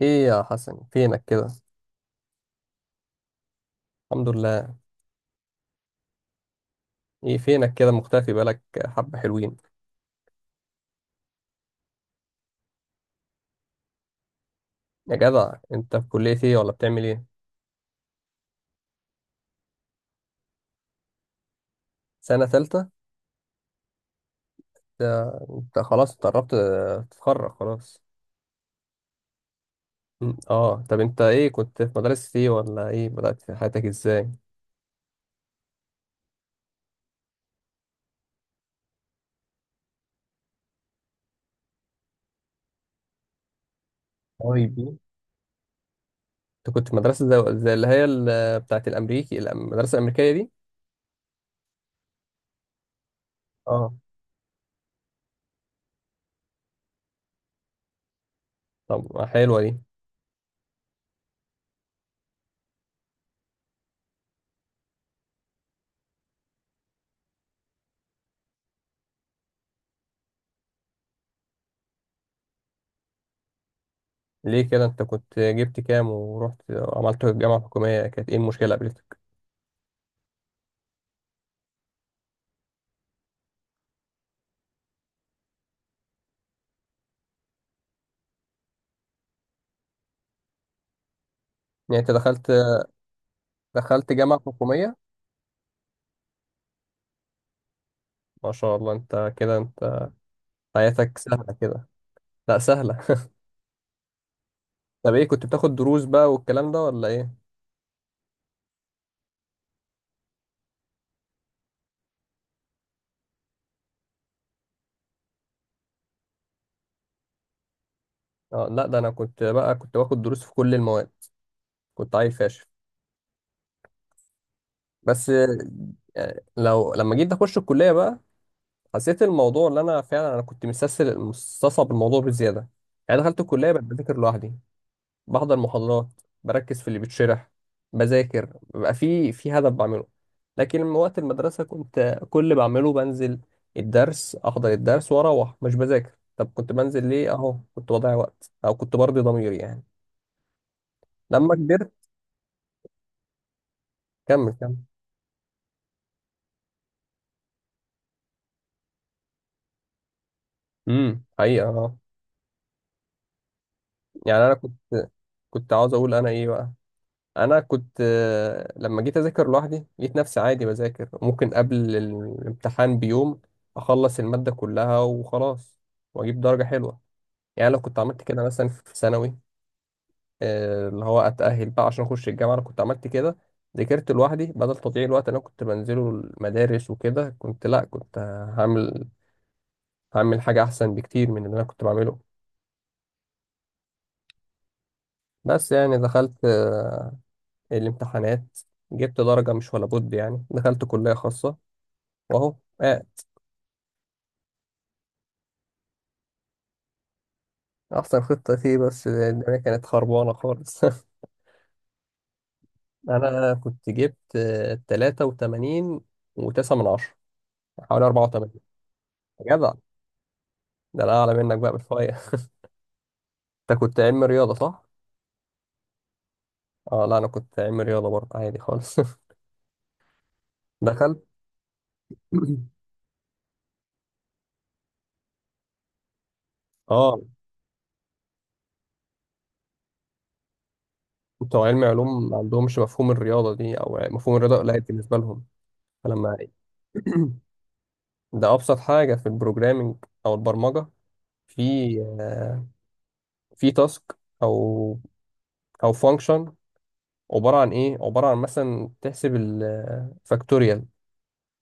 ايه يا حسن، فينك كده؟ الحمد لله. ايه فينك كده مختفي بقالك حبة حلوين؟ يا جدع، انت في كلية ايه ولا بتعمل ايه؟ سنة تالتة؟ ده انت خلاص، انت قربت تتخرج خلاص. اه، طب انت ايه؟ كنت في مدرسة ايه ولا ايه؟ بدأت في حياتك ازاي؟ طيب إيه؟ انت كنت في مدرسة زي اللي هي بتاعت الامريكي المدرسة الامريكية دي. اه، طب حلوة دي. ليه كده؟ انت كنت جبت كام ورحت عملت الجامعة الحكومية؟ كانت ايه المشكلة قابلتك؟ يعني انت دخلت جامعة حكومية؟ ما شاء الله، انت كده، انت حياتك سهلة كده. لا سهلة. طب ايه؟ كنت بتاخد دروس بقى والكلام ده ولا ايه؟ اه، لا ده انا كنت بقى كنت باخد دروس في كل المواد. كنت عيل فاشل. بس يعني لو لما جيت اخش الكلية بقى، حسيت الموضوع اللي انا فعلا كنت مستسهل مستصعب الموضوع بزيادة. يعني دخلت الكلية بقيت بذاكر لوحدي. بحضر محاضرات. بركز في اللي بيتشرح. بذاكر بيبقى في هدف بعمله. لكن من وقت المدرسة، كنت كل اللي بعمله بنزل الدرس، أحضر الدرس وأروح مش بذاكر. طب كنت بنزل ليه؟ أهو كنت بضيع وقت أو كنت برضي ضميري يعني. لما كبرت، كمل كمل. حقيقة، اه. يعني أنا كنت، كنت عاوز أقول أنا إيه بقى؟ أنا كنت لما جيت أذاكر لوحدي لقيت نفسي عادي بذاكر، ممكن قبل الامتحان بيوم أخلص المادة كلها وخلاص، وأجيب درجة حلوة. يعني لو كنت عملت كده مثلا في ثانوي، اللي هو اتاهل بقى عشان اخش الجامعه، لو كنت عملت كده، ذاكرت لوحدي بدل تضييع الوقت اللي انا كنت بنزله المدارس وكده، كنت، لا كنت، هعمل هعمل حاجه احسن بكتير من اللي انا كنت بعمله. بس يعني دخلت الامتحانات، جبت درجه مش ولا بد يعني دخلت كليه خاصه، واهو. آه، احسن خطه فيه، بس الدنيا كانت خربانه خالص. انا كنت جبت 83 و9 من 10، حوالي 84. يا جدع، ده انا اعلى منك بقى بشويه. انت كنت علم رياضه، صح؟ اه، لا انا كنت علم رياضه برضه عادي خالص. دخلت اه. بتوع علم علوم ما عندهمش مفهوم الرياضه دي، او مفهوم الرياضه قليل بالنسبه لهم. فلما ده ابسط حاجه في البروجرامينج او البرمجه، في آه، في تاسك او او فانكشن، عباره عن ايه؟ عباره عن مثلا تحسب الفاكتوريال.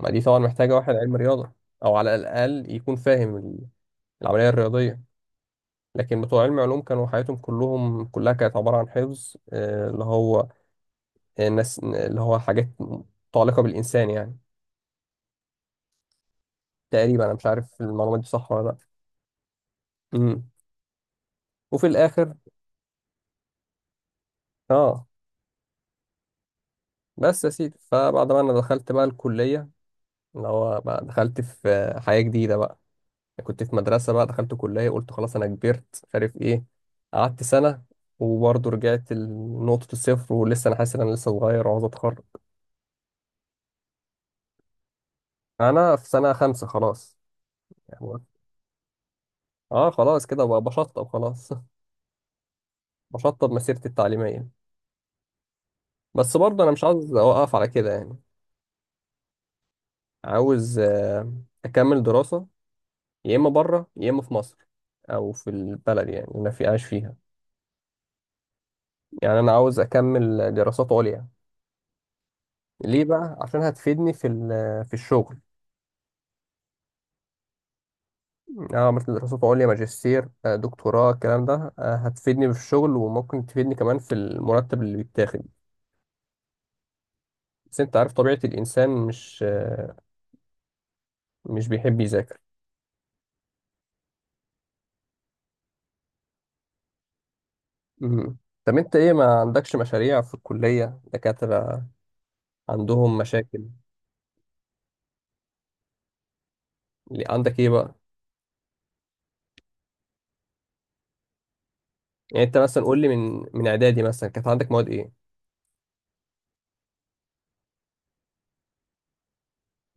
ما دي طبعا محتاجه واحد علم رياضه، او على الاقل يكون فاهم العمليه الرياضيه. لكن بتوع علم علوم كانوا حياتهم كلهم كلها كانت عبارة عن حفظ اللي هو الناس، اللي هو حاجات متعلقة بالإنسان يعني. تقريبا أنا مش عارف المعلومات دي صح ولا لأ. مم. وفي الآخر اه، بس يا سيدي، فبعد ما أنا دخلت بقى الكلية، اللي هو بقى دخلت في حياة جديدة بقى، كنت في مدرسة بقى دخلت كلية، قلت خلاص أنا كبرت مش عارف إيه. قعدت سنة وبرضه رجعت لنقطة الصفر، ولسه أنا حاسس إن أنا لسه صغير وعاوز أتخرج. أنا في سنة خمسة خلاص، يعني اه خلاص كده بقى بشطب خلاص. بشطب مسيرتي التعليمية. بس برضه انا مش عاوز اوقف على كده يعني، عاوز اكمل دراسة، يا اما بره يا اما في مصر، او في البلد يعني اللي انا في عايش فيها. يعني انا عاوز اكمل دراسات عليا. ليه بقى؟ عشان هتفيدني في الشغل. اه، مثل دراسات عليا، ماجستير، دكتوراه، الكلام ده هتفيدني في الشغل، وممكن تفيدني كمان في المرتب اللي بيتاخد. بس انت عارف طبيعة الانسان، مش بيحب يذاكر. مم. طب انت ايه، ما عندكش مشاريع في الكلية؟ دكاترة عندهم مشاكل؟ اللي عندك ايه بقى؟ يعني انت مثلا قول لي من اعدادي مثلا كانت عندك مواد ايه؟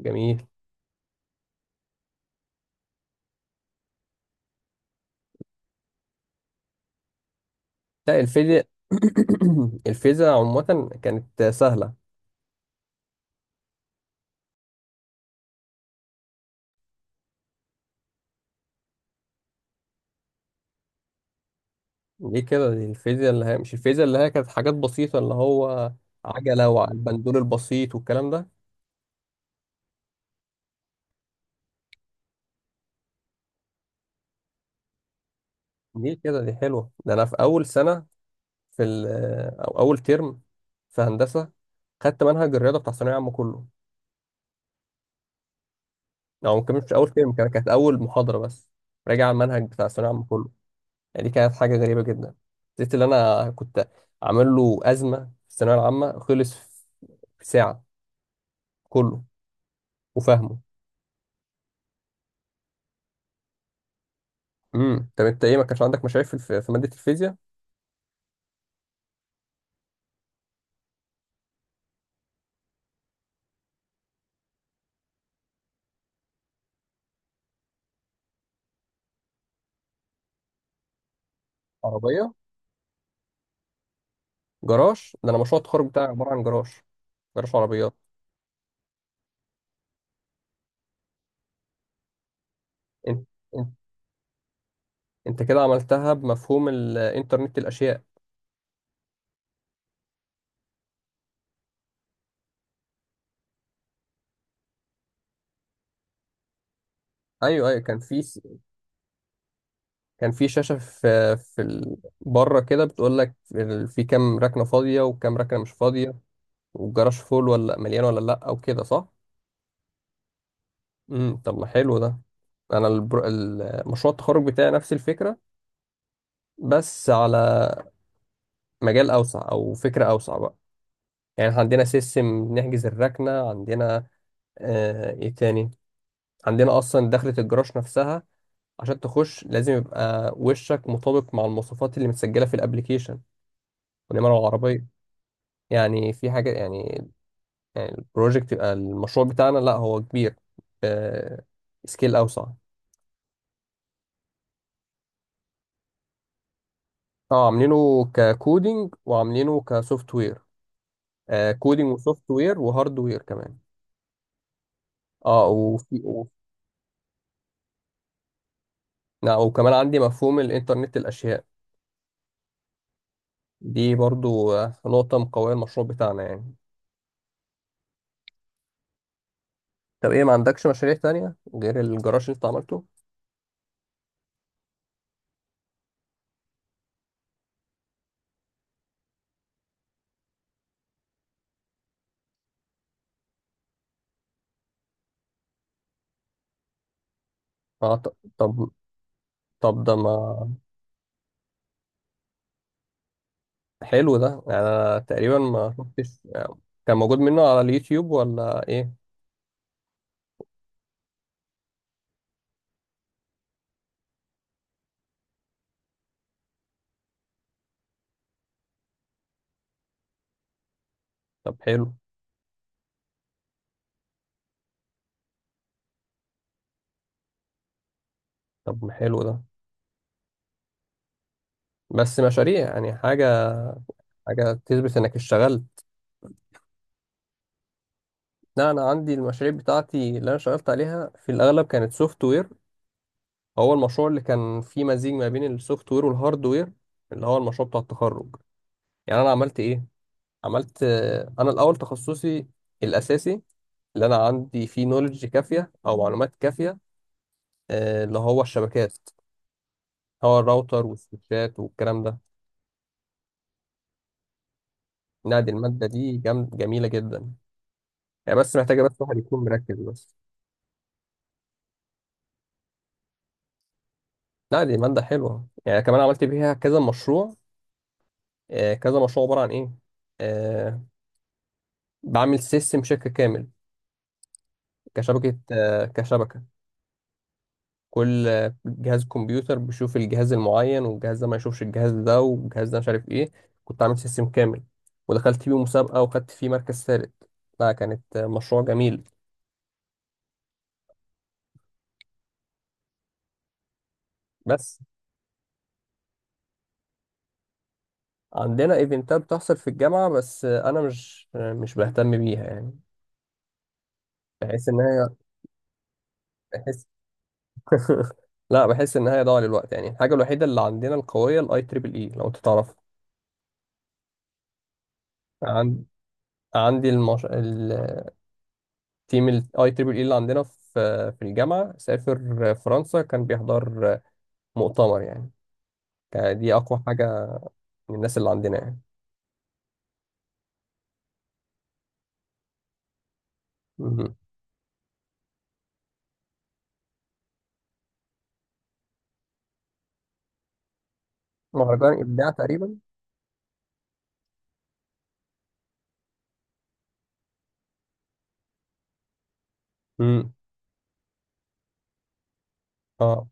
جميل. لا الفيزياء، الفيزياء عموما كانت سهلة. ليه كده؟ دي الفيزياء اللي هي، مش الفيزياء اللي هي كانت حاجات بسيطة، اللي هو عجلة والبندول البسيط والكلام ده. ليه كده؟ دي حلوة. ده انا في اول سنة، في او اول ترم في هندسة، خدت منهج الرياضة بتاع ثانوية عامة كله. او ممكن مش اول فيلم كان، كانت اول محاضره بس راجع على المنهج بتاع الثانويه العامه كله. يعني دي كانت حاجه غريبه جدا. زيت اللي انا كنت عامل له ازمه في الثانويه العامه خلص في ساعه، كله وفاهمه. طب انت ايه، ما كانش عندك مشاريع في ماده الفيزياء؟ عربيه، جراج؟ ده انا مشروع التخرج بتاعي عباره عن جراج، جراج عربيات. انت انت انت كده عملتها بمفهوم الانترنت الاشياء. ايوه، ايوه، كان في شاشة في بره كده، بتقول لك في كام ركنة فاضية وكام ركنة مش فاضية، والجراج فول ولا مليان ولا لا، او كده صح؟ طب ما حلو ده. انا مشروع التخرج بتاعي نفس الفكرة، بس على مجال اوسع او فكرة اوسع بقى. يعني إحنا عندنا سيستم نحجز الركنة عندنا، ايه تاني، عندنا اصلا دخلة الجراج نفسها، عشان تخش لازم يبقى وشك مطابق مع المواصفات اللي متسجلة في الابليكيشن ونمر العربية، يعني في حاجة يعني. يعني البروجكت، يبقى المشروع بتاعنا لا هو كبير، سكيل أوسع. اه عاملينه ككودينج وعاملينه كسوفت وير، كودينج وسوفت وير وهارد وير كمان. اه، وفي لا، وكمان عندي مفهوم الإنترنت الأشياء، دي برضو نقطة مقوية المشروع بتاعنا يعني. طب ايه، ما عندكش مشاريع تانية غير الجراج اللي انت عملته؟ اه، طب، طب ده ما حلو ده. يعني انا تقريبا ما شفتش، كان موجود منه على اليوتيوب ولا ايه؟ طب حلو. طب ما حلو ده. بس مشاريع يعني حاجة، حاجة تثبت انك اشتغلت. لا انا عندي المشاريع بتاعتي اللي انا اشتغلت عليها في الاغلب كانت سوفت وير. هو المشروع اللي كان فيه مزيج ما بين السوفت وير والهارد وير، اللي هو المشروع بتاع التخرج. يعني انا عملت ايه؟ عملت انا الاول تخصصي الاساسي، اللي انا عندي فيه نولج كافية او معلومات كافية، اللي هو الشبكات، هو الراوتر والسويتشات والكلام ده. نادي المادة دي جميلة جدا يعني، بس محتاجة بس واحد يكون مركز بس. لا دي مادة حلوة، يعني كمان عملت بيها كذا مشروع. كذا مشروع عبارة عن إيه؟ آه، بعمل سيستم شركة كامل كشبكة، كل جهاز كمبيوتر بيشوف الجهاز المعين، والجهاز ده ما يشوفش الجهاز ده، والجهاز ده مش عارف إيه. كنت عامل سيستم كامل، ودخلت فيه مسابقة وخدت فيه مركز ثالث. لا، كانت مشروع جميل. بس عندنا ايفنتات بتحصل في الجامعة، بس أنا مش بهتم بيها يعني. بحس إن هي بحيث لا بحس ان هي ضاع للوقت يعني. الحاجه الوحيده اللي عندنا القويه الاي تريبل اي، لو انت تعرف. عند عندي التيم الاي تريبل اي اللي عندنا في الجامعه سافر فرنسا، كان بيحضر مؤتمر يعني، كان دي اقوى حاجه من الناس اللي عندنا يعني. مهم. مهرجان ابداع تقريبا. امم اه،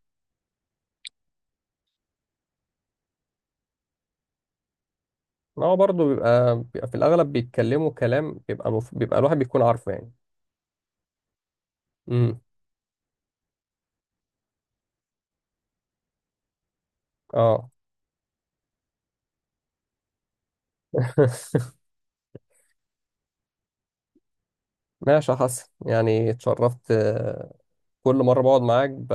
هو برضه بيبقى في الاغلب بيتكلموا كلام بيبقى الواحد بيكون عارفه يعني. امم اه. ماشي يا حسن، يعني اتشرفت. كل مرة بقعد معاك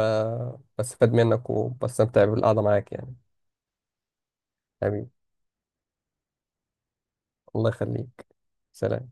بستفاد منك وبستمتع بالقعدة معاك يعني. حبيبي، الله يخليك. سلام.